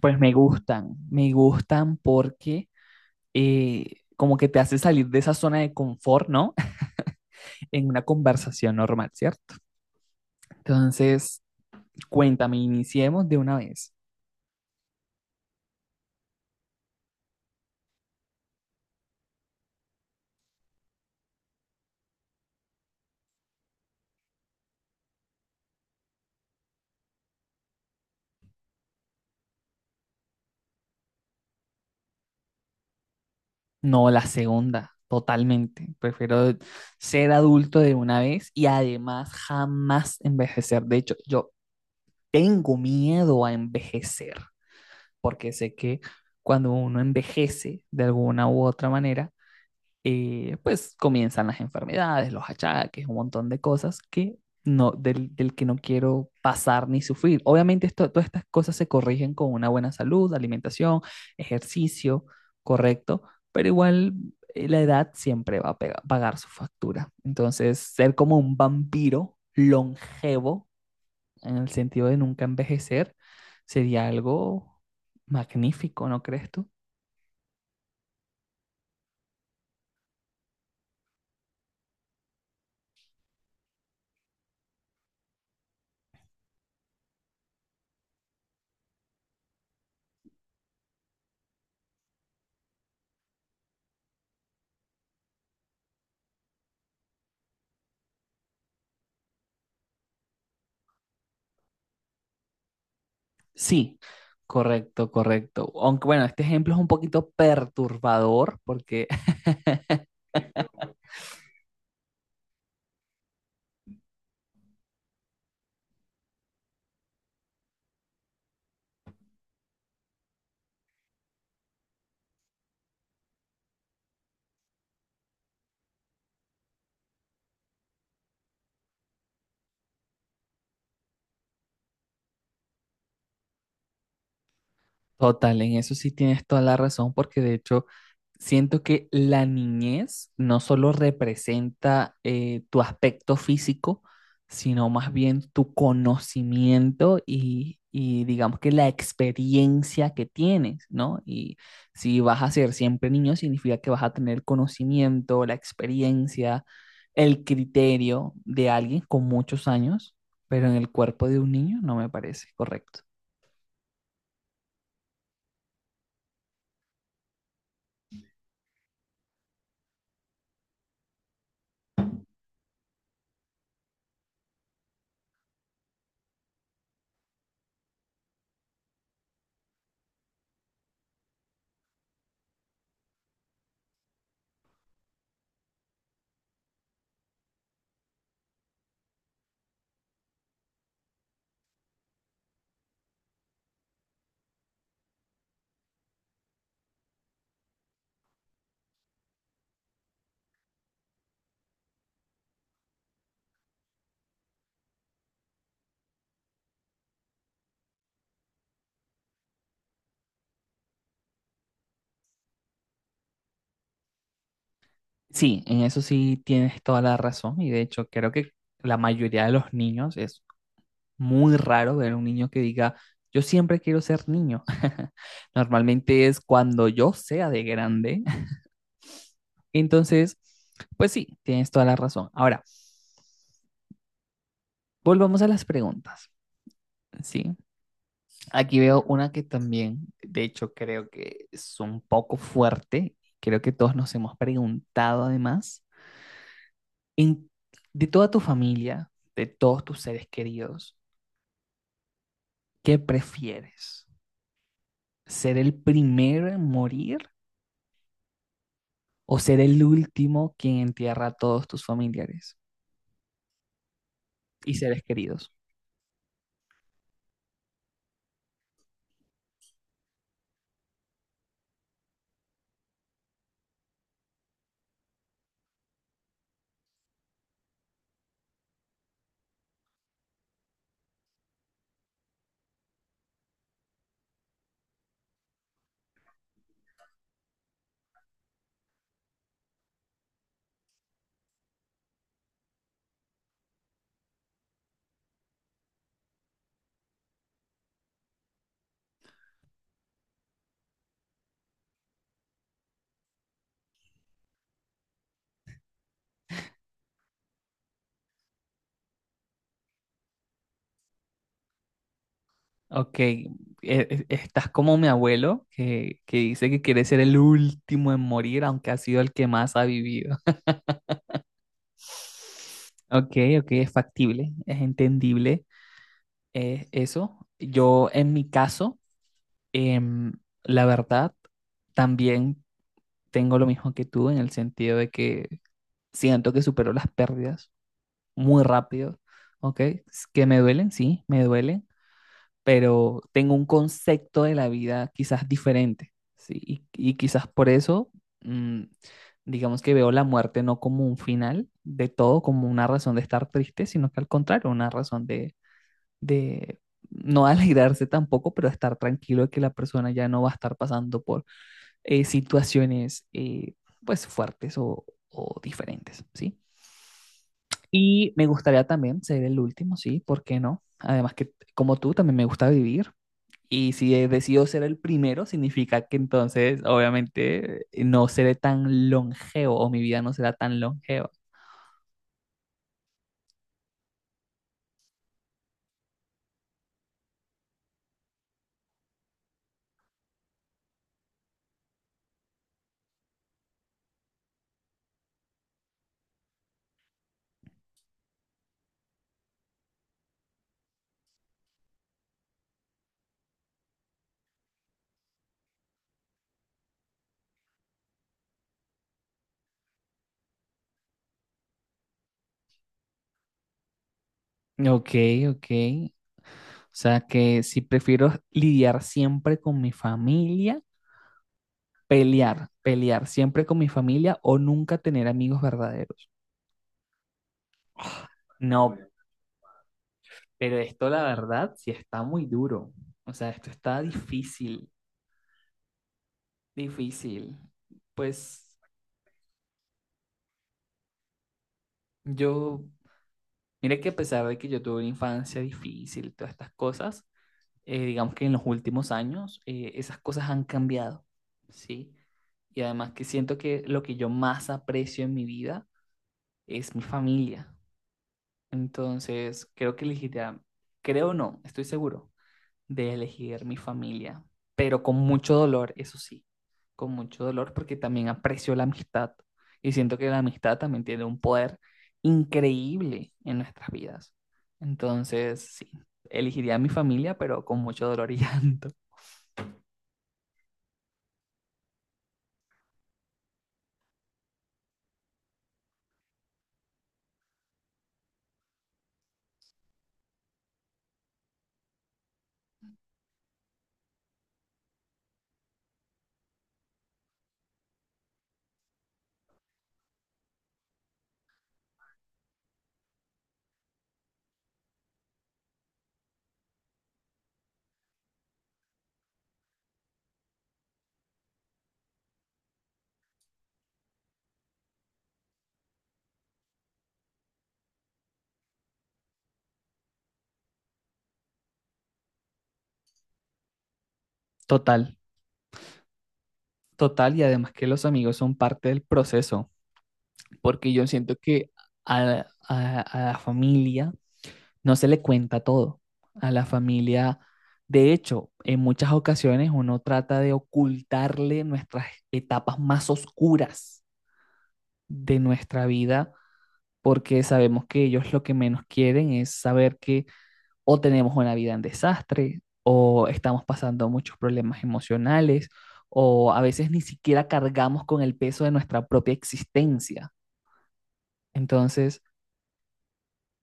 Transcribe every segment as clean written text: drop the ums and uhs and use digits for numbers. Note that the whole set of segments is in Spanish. Pues me gustan porque eh, como que te hace salir de esa zona de confort, ¿no? En una conversación normal, ¿cierto? Entonces, cuéntame, iniciemos de una vez. No, la segunda, totalmente. Prefiero ser adulto de una vez y además jamás envejecer. De hecho, yo tengo miedo a envejecer, porque sé que cuando uno envejece de alguna u otra manera, pues comienzan las enfermedades, los achaques, un montón de cosas que no, del que no quiero pasar ni sufrir. Obviamente esto, todas estas cosas se corrigen con una buena salud, alimentación, ejercicio correcto, pero igual la edad siempre va a pagar su factura. Entonces, ser como un vampiro longevo, en el sentido de nunca envejecer, sería algo magnífico, ¿no crees tú? Sí, correcto, correcto. Aunque bueno, este ejemplo es un poquito perturbador porque total, en eso sí tienes toda la razón, porque de hecho siento que la niñez no solo representa tu aspecto físico, sino más bien tu conocimiento y digamos que la experiencia que tienes, ¿no? Y si vas a ser siempre niño, significa que vas a tener conocimiento, la experiencia, el criterio de alguien con muchos años, pero en el cuerpo de un niño no me parece correcto. Sí, en eso sí tienes toda la razón y de hecho creo que la mayoría de los niños es muy raro ver un niño que diga, yo siempre quiero ser niño. Normalmente es cuando yo sea de grande. Entonces, pues sí, tienes toda la razón. Ahora, volvamos a las preguntas, ¿sí? Aquí veo una que también, de hecho, creo que es un poco fuerte. Creo que todos nos hemos preguntado además, en- de toda tu familia, de todos tus seres queridos. ¿Qué prefieres? ¿Ser el primero en morir o ser el último quien entierra a todos tus familiares y seres queridos? Ok, estás como mi abuelo que dice que quiere ser el último en morir, aunque ha sido el que más ha vivido. Ok, ok, es factible, es entendible eso. Yo en mi caso, em, la verdad, también tengo lo mismo que tú en el sentido de que siento que supero las pérdidas muy rápido, ¿ok? Que me duelen, sí, me duelen, pero tengo un concepto de la vida quizás diferente, ¿sí? Y quizás por eso, mm, digamos que veo la muerte no como un final de todo, como una razón de estar triste, sino que al contrario, una razón de no alegrarse tampoco, pero estar tranquilo de que la persona ya no va a estar pasando por situaciones, pues, fuertes o diferentes, ¿sí? Y me gustaría también ser el último, sí, ¿por qué no? Además que como tú también me gusta vivir, y si decido ser el primero significa que entonces obviamente no seré tan longevo o mi vida no será tan longeva. Ok, ok. O sea que si prefiero lidiar siempre con mi familia, pelear, pelear siempre con mi familia o nunca tener amigos verdaderos. No, pero esto la verdad sí está muy duro. O sea, esto está difícil. Difícil. Pues yo, mira que a pesar de que yo tuve una infancia difícil y todas estas cosas, digamos que en los últimos años esas cosas han cambiado, ¿sí? Y además que siento que lo que yo más aprecio en mi vida es mi familia. Entonces, creo que elegirá, creo no, estoy seguro de elegir mi familia, pero con mucho dolor, eso sí, con mucho dolor porque también aprecio la amistad y siento que la amistad también tiene un poder increíble en nuestras vidas. Entonces, sí, elegiría a mi familia, pero con mucho dolor y llanto. Total, total, y además que los amigos son parte del proceso, porque yo siento que a la familia no se le cuenta todo a la familia. De hecho, en muchas ocasiones uno trata de ocultarle nuestras etapas más oscuras de nuestra vida porque sabemos que ellos lo que menos quieren es saber que o tenemos una vida en desastre o estamos pasando muchos problemas emocionales o a veces ni siquiera cargamos con el peso de nuestra propia existencia. Entonces,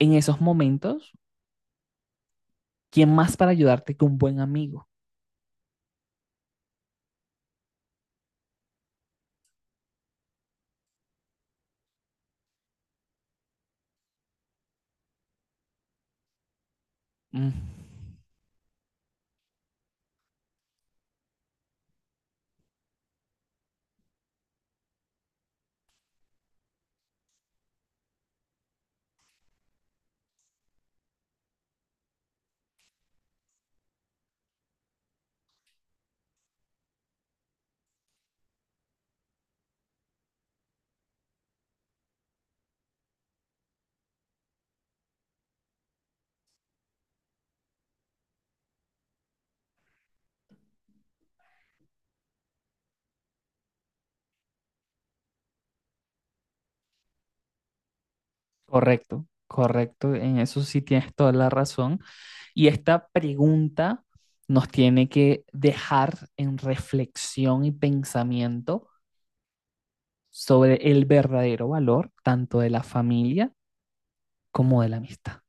en esos momentos, ¿quién más para ayudarte que un buen amigo? Mm. Correcto, correcto. En eso sí tienes toda la razón. Y esta pregunta nos tiene que dejar en reflexión y pensamiento sobre el verdadero valor tanto de la familia como de la amistad.